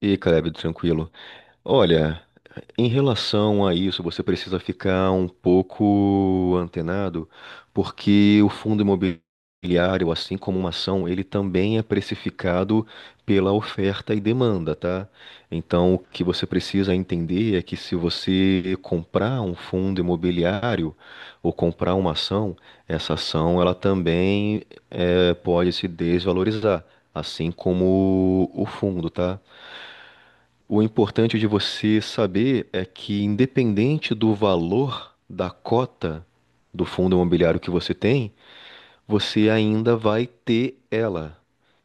E aí, Caleb, tranquilo. Olha, em relação a isso, você precisa ficar um pouco antenado, porque o fundo imobiliário, assim como uma ação, ele também é precificado pela oferta e demanda, tá? Então, o que você precisa entender é que se você comprar um fundo imobiliário ou comprar uma ação, essa ação ela também pode se desvalorizar, assim como o fundo, tá? O importante de você saber é que, independente do valor da cota do fundo imobiliário que você tem, você ainda vai ter ela.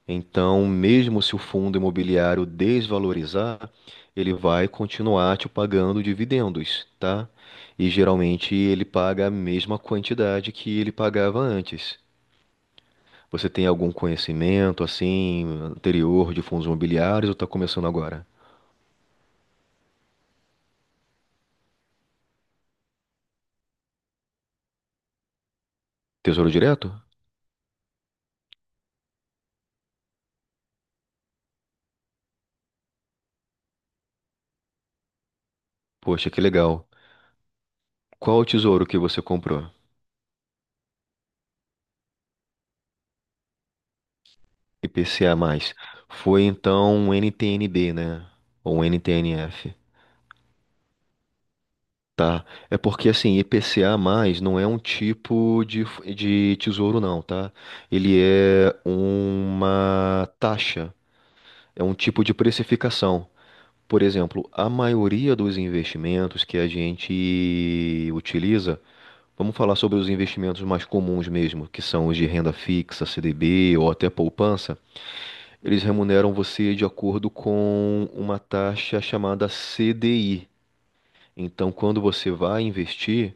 Então, mesmo se o fundo imobiliário desvalorizar, ele vai continuar te pagando dividendos, tá? E geralmente ele paga a mesma quantidade que ele pagava antes. Você tem algum conhecimento assim anterior de fundos imobiliários ou está começando agora? Tesouro Direto? Poxa, que legal. Qual o tesouro que você comprou? IPCA+. Foi então um NTN-B, né? Ou um NTN-F? Tá. É porque assim, IPCA+ não é um tipo de, de tesouro não, tá? Ele é uma taxa, é um tipo de precificação. Por exemplo, a maioria dos investimentos que a gente utiliza, vamos falar sobre os investimentos mais comuns mesmo, que são os de renda fixa, CDB ou até poupança. Eles remuneram você de acordo com uma taxa chamada CDI. Então, quando você vai investir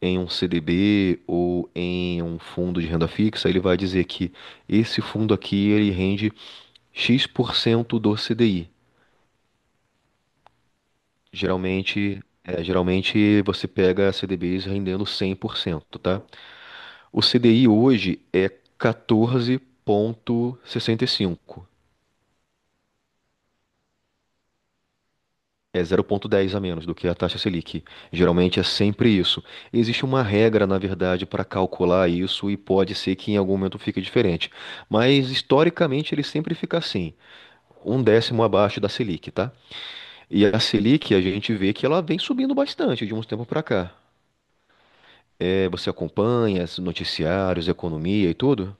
em um CDB ou em um fundo de renda fixa, ele vai dizer que esse fundo aqui ele rende X% do CDI. Geralmente, geralmente você pega CDBs rendendo 100%, tá? O CDI hoje é 14,65. É zero vírgula dez a menos do que a taxa Selic. Geralmente é sempre isso. Existe uma regra, na verdade, para calcular isso e pode ser que em algum momento fique diferente. Mas historicamente ele sempre fica assim, um décimo abaixo da Selic, tá? E a Selic a gente vê que ela vem subindo bastante de uns tempos para cá. É, você acompanha os noticiários, economia e tudo?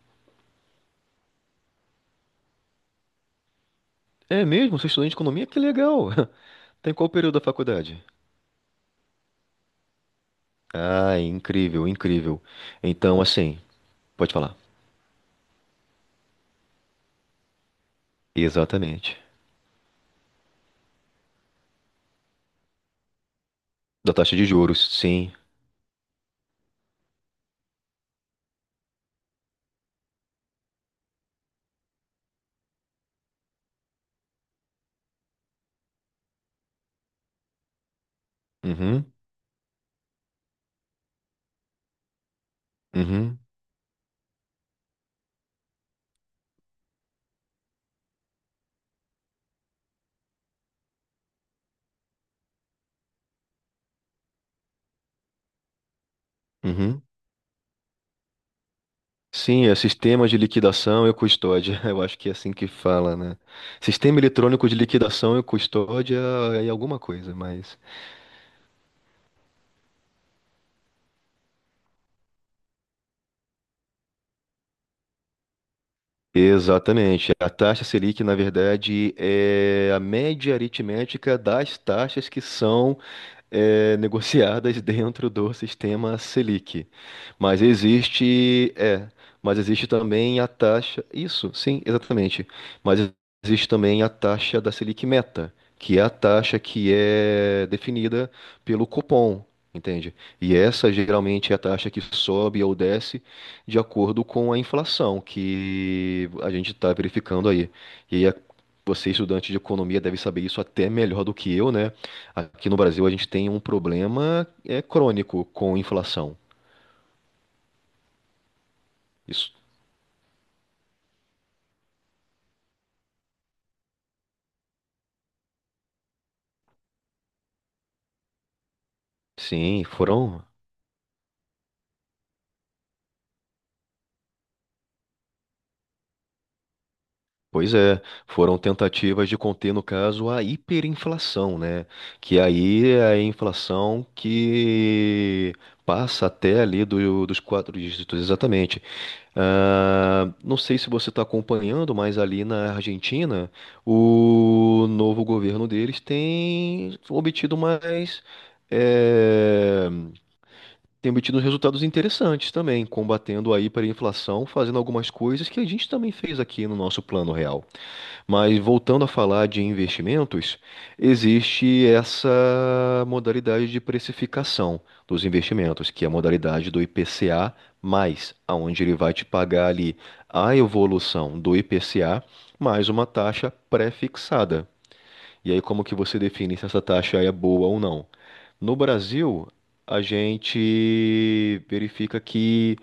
É mesmo? Você é estudante de economia? Que legal! Tem qual período da faculdade? Ah, incrível, incrível. Então, assim, pode falar. Exatamente. Da taxa de juros, sim. Uhum, uhum, uhum. Sim, é sistema de liquidação e custódia. Eu acho que é assim que fala, né? Sistema eletrônico de liquidação e custódia é alguma coisa, mas. Exatamente. A taxa Selic, na verdade, é a média aritmética das taxas que são negociadas dentro do sistema Selic. Mas existe, é, mas existe também a taxa, isso, sim, exatamente. Mas existe também a taxa da Selic Meta, que é a taxa que é definida pelo Copom. Entende? E essa geralmente é a taxa que sobe ou desce de acordo com a inflação que a gente está verificando aí. E aí a- você, estudante de economia, deve saber isso até melhor do que eu, né? Aqui no Brasil a gente tem um problema é crônico com inflação. Isso. Sim, foram, pois é, foram tentativas de conter, no caso, a hiperinflação, né? Que aí é a inflação que passa até ali dos quatro dígitos, exatamente. Ah, não sei se você está acompanhando, mas ali na Argentina, o novo governo deles tem obtido mais. eh, tem obtido resultados interessantes também, combatendo a hiperinflação, fazendo algumas coisas que a gente também fez aqui no nosso Plano Real. Mas voltando a falar de investimentos, existe essa modalidade de precificação dos investimentos, que é a modalidade do IPCA mais, aonde ele vai te pagar ali a evolução do IPCA mais uma taxa pré-fixada. E aí, como que você define se essa taxa é boa ou não? No Brasil, a gente verifica que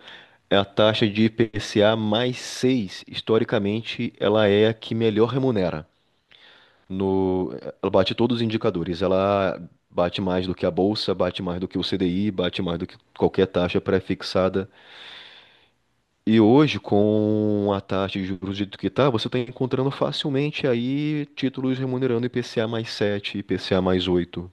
é a taxa de IPCA mais 6 historicamente, ela é a que melhor remunera. No, ela bate todos os indicadores. Ela bate mais do que a bolsa, bate mais do que o CDI, bate mais do que qualquer taxa pré-fixada. E hoje, com a taxa de juros do jeito que está, você está encontrando facilmente aí títulos remunerando IPCA mais 7, IPCA mais 8.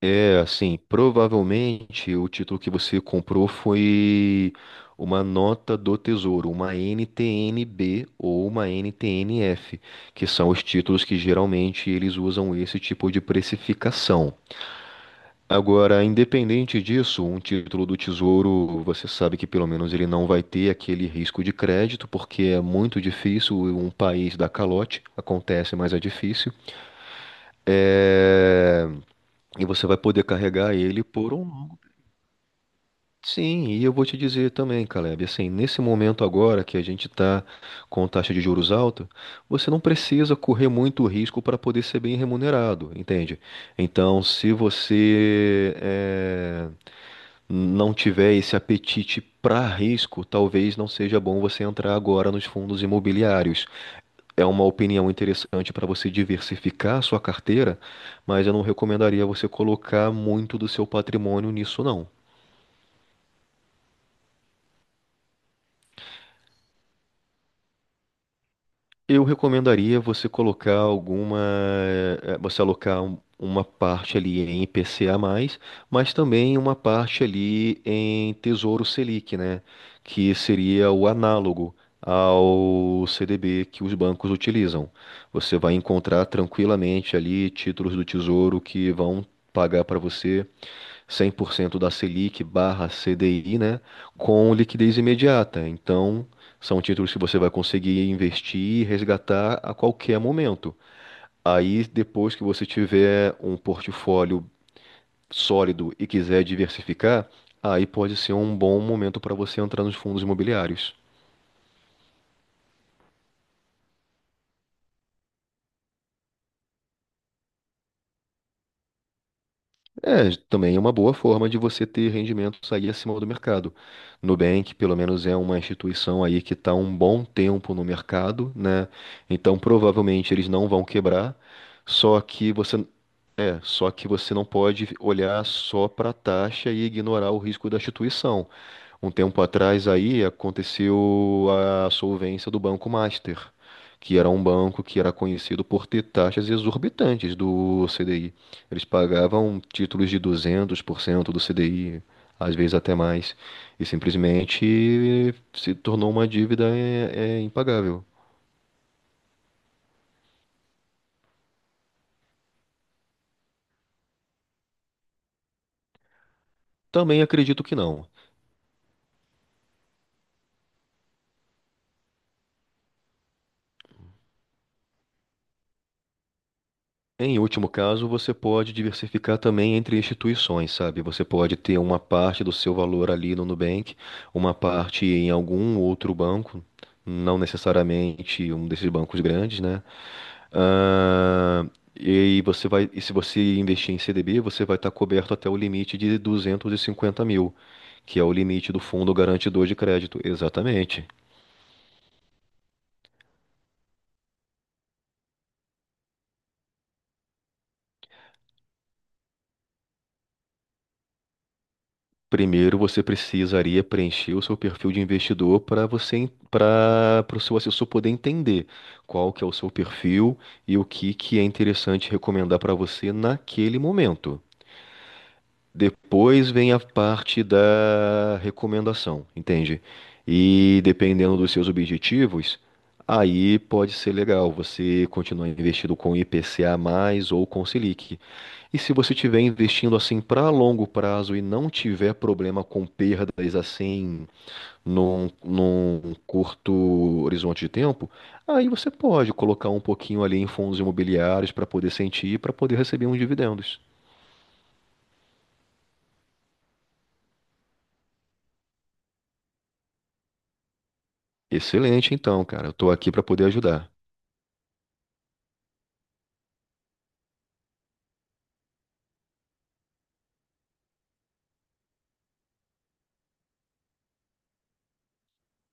É, assim, provavelmente o título que você comprou foi uma nota do Tesouro, uma NTN-B ou uma NTN-F, que são os títulos que geralmente eles usam esse tipo de precificação. Agora, independente disso, um título do Tesouro, você sabe que pelo menos ele não vai ter aquele risco de crédito, porque é muito difícil um país dar calote, acontece, mas é difícil. É, e você vai poder carregar ele por um sim, e eu vou te dizer também, Caleb, assim, nesse momento agora que a gente está com taxa de juros alta, você não precisa correr muito risco para poder ser bem remunerado, entende? Então, se você não tiver esse apetite para risco, talvez não seja bom você entrar agora nos fundos imobiliários. É uma opinião interessante para você diversificar a sua carteira, mas eu não recomendaria você colocar muito do seu patrimônio nisso, não. Eu recomendaria você colocar alguma, você alocar uma parte ali em IPCA+, mas também uma parte ali em Tesouro Selic, né? Que seria o análogo ao CDB que os bancos utilizam. Você vai encontrar tranquilamente ali títulos do Tesouro que vão pagar para você 100% da Selic barra CDI, né, com liquidez imediata. Então, são títulos que você vai conseguir investir e resgatar a qualquer momento. Aí, depois que você tiver um portfólio sólido e quiser diversificar, aí pode ser um bom momento para você entrar nos fundos imobiliários. É, também é uma boa forma de você ter rendimentos aí acima do mercado. Nubank, pelo menos, é uma instituição aí que está um bom tempo no mercado, né? Então, provavelmente eles não vão quebrar. Só que você só que você não pode olhar só para a taxa e ignorar o risco da instituição. Um tempo atrás aí aconteceu a solvência do Banco Master, que era um banco que era conhecido por ter taxas exorbitantes do CDI. Eles pagavam títulos de 200% do CDI, às vezes até mais, e simplesmente se tornou uma dívida impagável. Também acredito que não. Em último caso, você pode diversificar também entre instituições, sabe? Você pode ter uma parte do seu valor ali no Nubank, uma parte em algum outro banco, não necessariamente um desses bancos grandes, né? Ah, e você vai, e se você investir em CDB, você vai estar coberto até o limite de 250.000, que é o limite do fundo garantidor de crédito. Exatamente. Primeiro, você precisaria preencher o seu perfil de investidor para você, para o seu assessor poder entender qual que é o seu perfil e o que que é interessante recomendar para você naquele momento. Depois vem a parte da recomendação, entende? E dependendo dos seus objetivos, aí pode ser legal você continuar investido com IPCA mais ou com Selic. E se você estiver investindo assim para longo prazo e não tiver problema com perdas assim num curto horizonte de tempo, aí você pode colocar um pouquinho ali em fundos imobiliários para poder sentir, e para poder receber uns dividendos. Excelente, então, cara. Eu estou aqui para poder ajudar.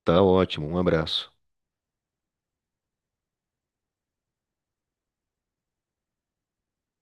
Tá ótimo. Um abraço.